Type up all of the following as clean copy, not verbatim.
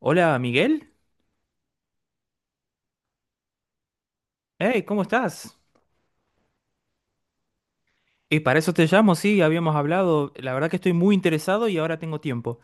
Hola, Miguel. Hey, ¿cómo estás? Y para eso te llamo, sí, habíamos hablado. La verdad que estoy muy interesado y ahora tengo tiempo.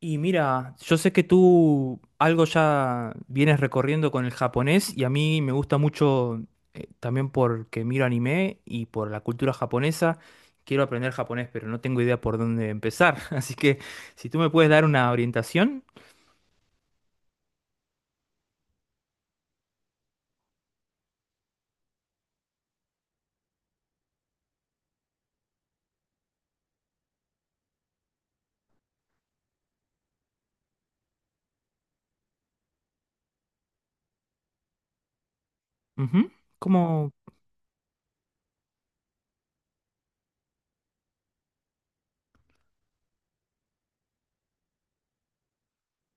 Y mira, yo sé que tú algo ya vienes recorriendo con el japonés y a mí me gusta mucho también porque miro anime y por la cultura japonesa. Quiero aprender japonés, pero no tengo idea por dónde empezar. Así que si tú me puedes dar una orientación, ujú. ¿Cómo?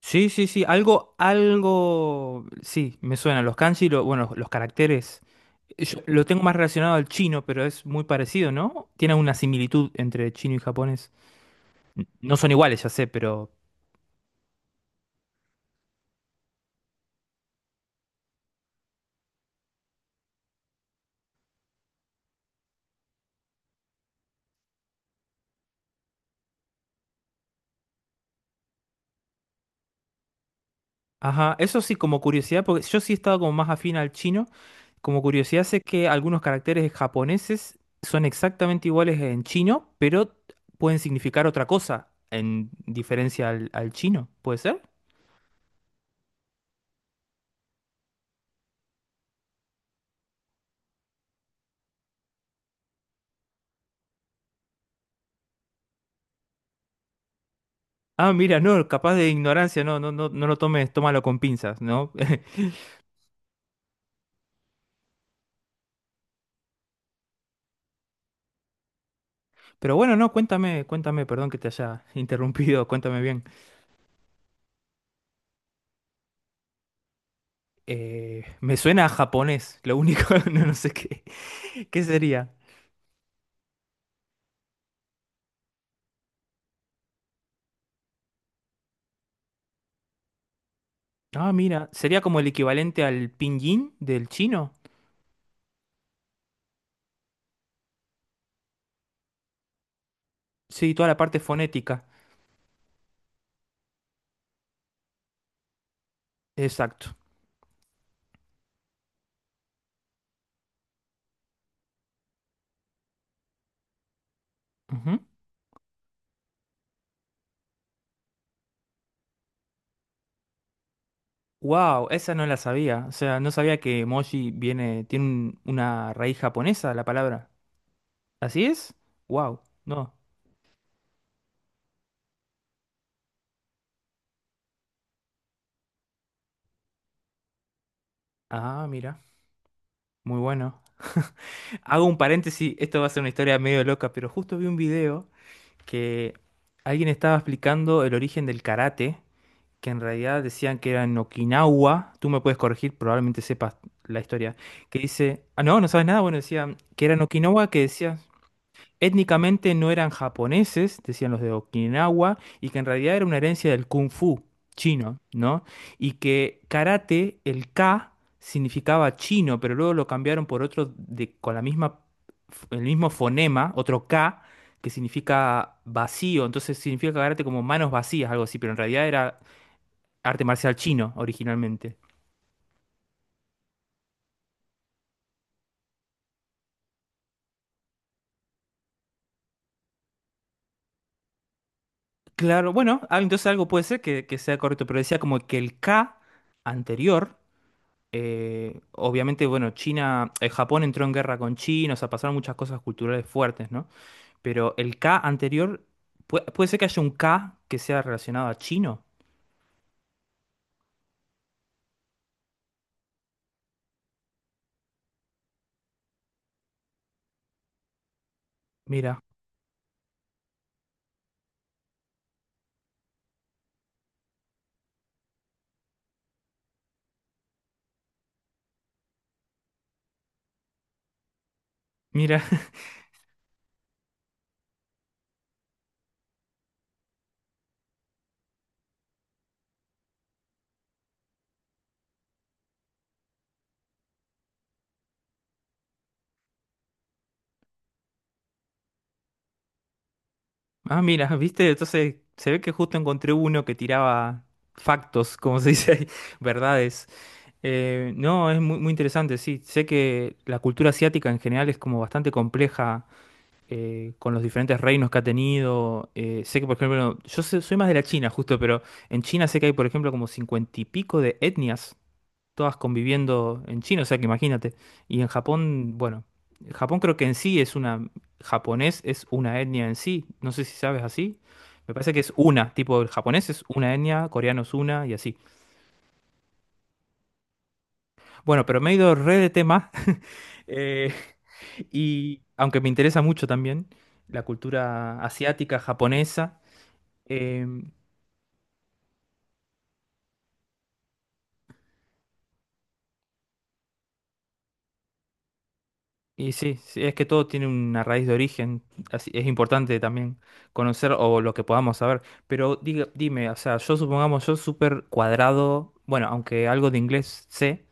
Sí, sí, sí, algo, algo, sí, me suena. Los kanji, bueno, los caracteres. Yo lo tengo más relacionado al chino, pero es muy parecido, ¿no? Tiene una similitud entre chino y japonés. No son iguales, ya sé, pero... Ajá, eso sí, como curiosidad, porque yo sí he estado como más afín al chino. Como curiosidad, sé que algunos caracteres japoneses son exactamente iguales en chino, pero pueden significar otra cosa en diferencia al chino, ¿puede ser? Ah, mira, no, capaz de ignorancia, no, no, no, no lo tomes, tómalo con pinzas, ¿no? Pero bueno, no, cuéntame, cuéntame, perdón que te haya interrumpido, cuéntame bien. Me suena a japonés, lo único, no, no sé qué, qué sería. Ah, mira, sería como el equivalente al pinyin del chino. Sí, toda la parte fonética. Exacto. Wow, esa no la sabía. O sea, no sabía que emoji viene, tiene una raíz japonesa la palabra. ¿Así es? Wow, no. Ah, mira, muy bueno. Hago un paréntesis, esto va a ser una historia medio loca, pero justo vi un video que alguien estaba explicando el origen del karate, que en realidad decían que era en Okinawa, tú me puedes corregir, probablemente sepas la historia, que dice, ah, no, no sabes nada, bueno, decían que era en Okinawa, que decía, étnicamente no eran japoneses, decían los de Okinawa, y que en realidad era una herencia del kung fu chino, ¿no? Y que karate, el K, significaba chino, pero luego lo cambiaron por otro de, con la misma, el mismo fonema, otro K, que significa vacío, entonces significa karate como manos vacías, algo así, pero en realidad era arte marcial chino originalmente. Claro, bueno, ah, entonces algo puede ser que sea correcto, pero decía como que el K anterior, obviamente, bueno, China, Japón entró en guerra con China, o sea, pasaron muchas cosas culturales fuertes, ¿no? Pero el K anterior, puede ser que haya un K que sea relacionado a chino. Mira, mira. Ah, mira, viste, entonces se ve que justo encontré uno que tiraba factos, como se dice ahí, verdades. No, es muy, muy interesante, sí. Sé que la cultura asiática en general es como bastante compleja, con los diferentes reinos que ha tenido. Sé que, por ejemplo, soy más de la China, justo, pero en China sé que hay, por ejemplo, como cincuenta y pico de etnias todas conviviendo en China, o sea que imagínate. Y en Japón, bueno, Japón creo que en sí es una, japonés es una etnia en sí, no sé si sabes así. Me parece que es una, tipo el japonés es una etnia, coreano es una y así. Bueno, pero me he ido re de tema, eh, y aunque me interesa mucho también la cultura asiática, japonesa, eh, y sí, sí, es que todo tiene una raíz de origen, así es importante también conocer o lo que podamos saber. Pero dime, o sea, yo supongamos yo súper cuadrado, bueno, aunque algo de inglés sé,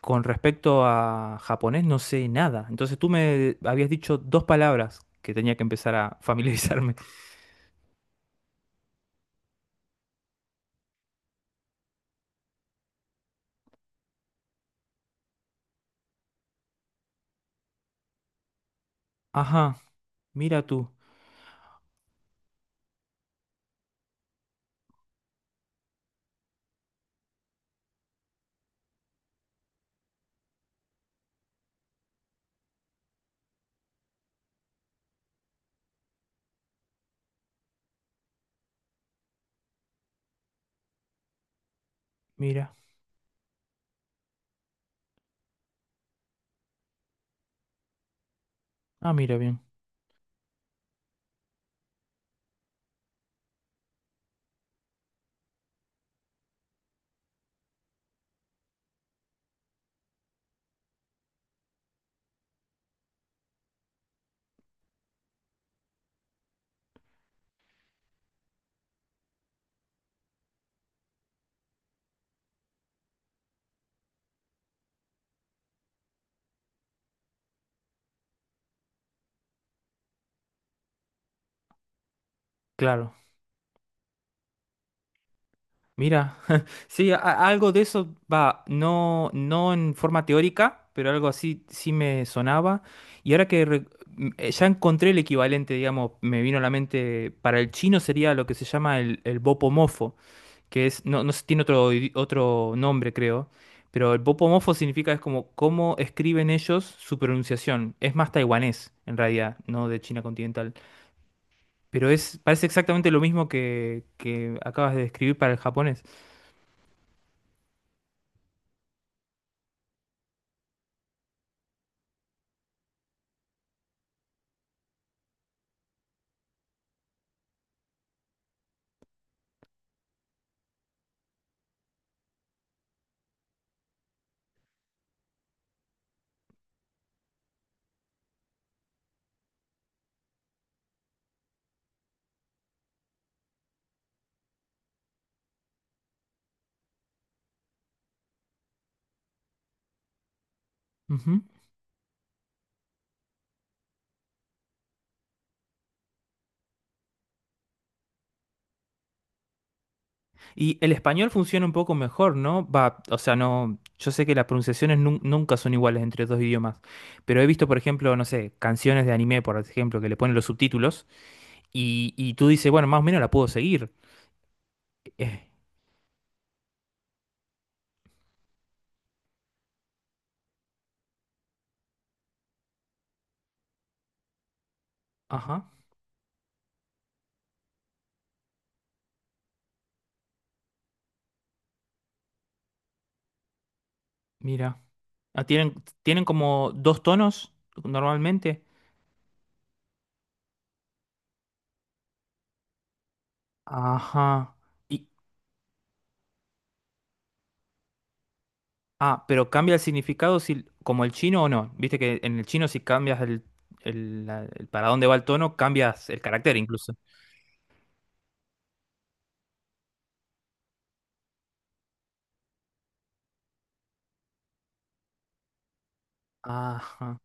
con respecto a japonés no sé nada. Entonces tú me habías dicho dos palabras que tenía que empezar a familiarizarme. Ajá, mira tú, mira. Ah, mira bien, claro. Mira. Sí, algo de eso va, no, no en forma teórica, pero algo así sí me sonaba. Y ahora que ya encontré el equivalente, digamos, me vino a la mente, para el chino sería lo que se llama el bopomofo, que es, no, no sé, tiene otro, otro nombre, creo, pero el bopomofo significa es como cómo escriben ellos su pronunciación. Es más taiwanés, en realidad, no de China continental. Pero es, parece exactamente lo mismo que acabas de describir para el japonés. Y el español funciona un poco mejor, ¿no? Va, o sea, no, yo sé que las pronunciaciones nunca son iguales entre dos idiomas, pero he visto, por ejemplo, no sé, canciones de anime, por ejemplo, que le ponen los subtítulos y tú dices, bueno, más o menos la puedo seguir. Eh, ajá, mira. Ah, tienen, tienen como dos tonos normalmente. Ajá. Y, ah, pero cambia el significado si, como el chino o no. Viste que en el chino si cambias el para dónde va el tono, cambias el carácter incluso. Ajá.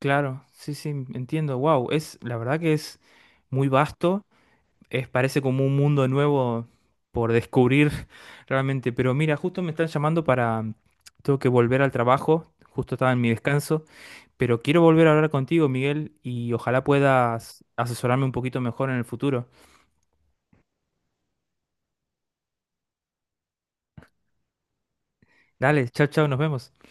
Claro, sí, sí, entiendo. Wow, es la verdad que es muy vasto, es parece como un mundo nuevo por descubrir realmente, pero mira, justo me están llamando para tengo que volver al trabajo, justo estaba en mi descanso, pero quiero volver a hablar contigo, Miguel, y ojalá puedas asesorarme un poquito mejor en el futuro. Dale, chao, chao, nos vemos.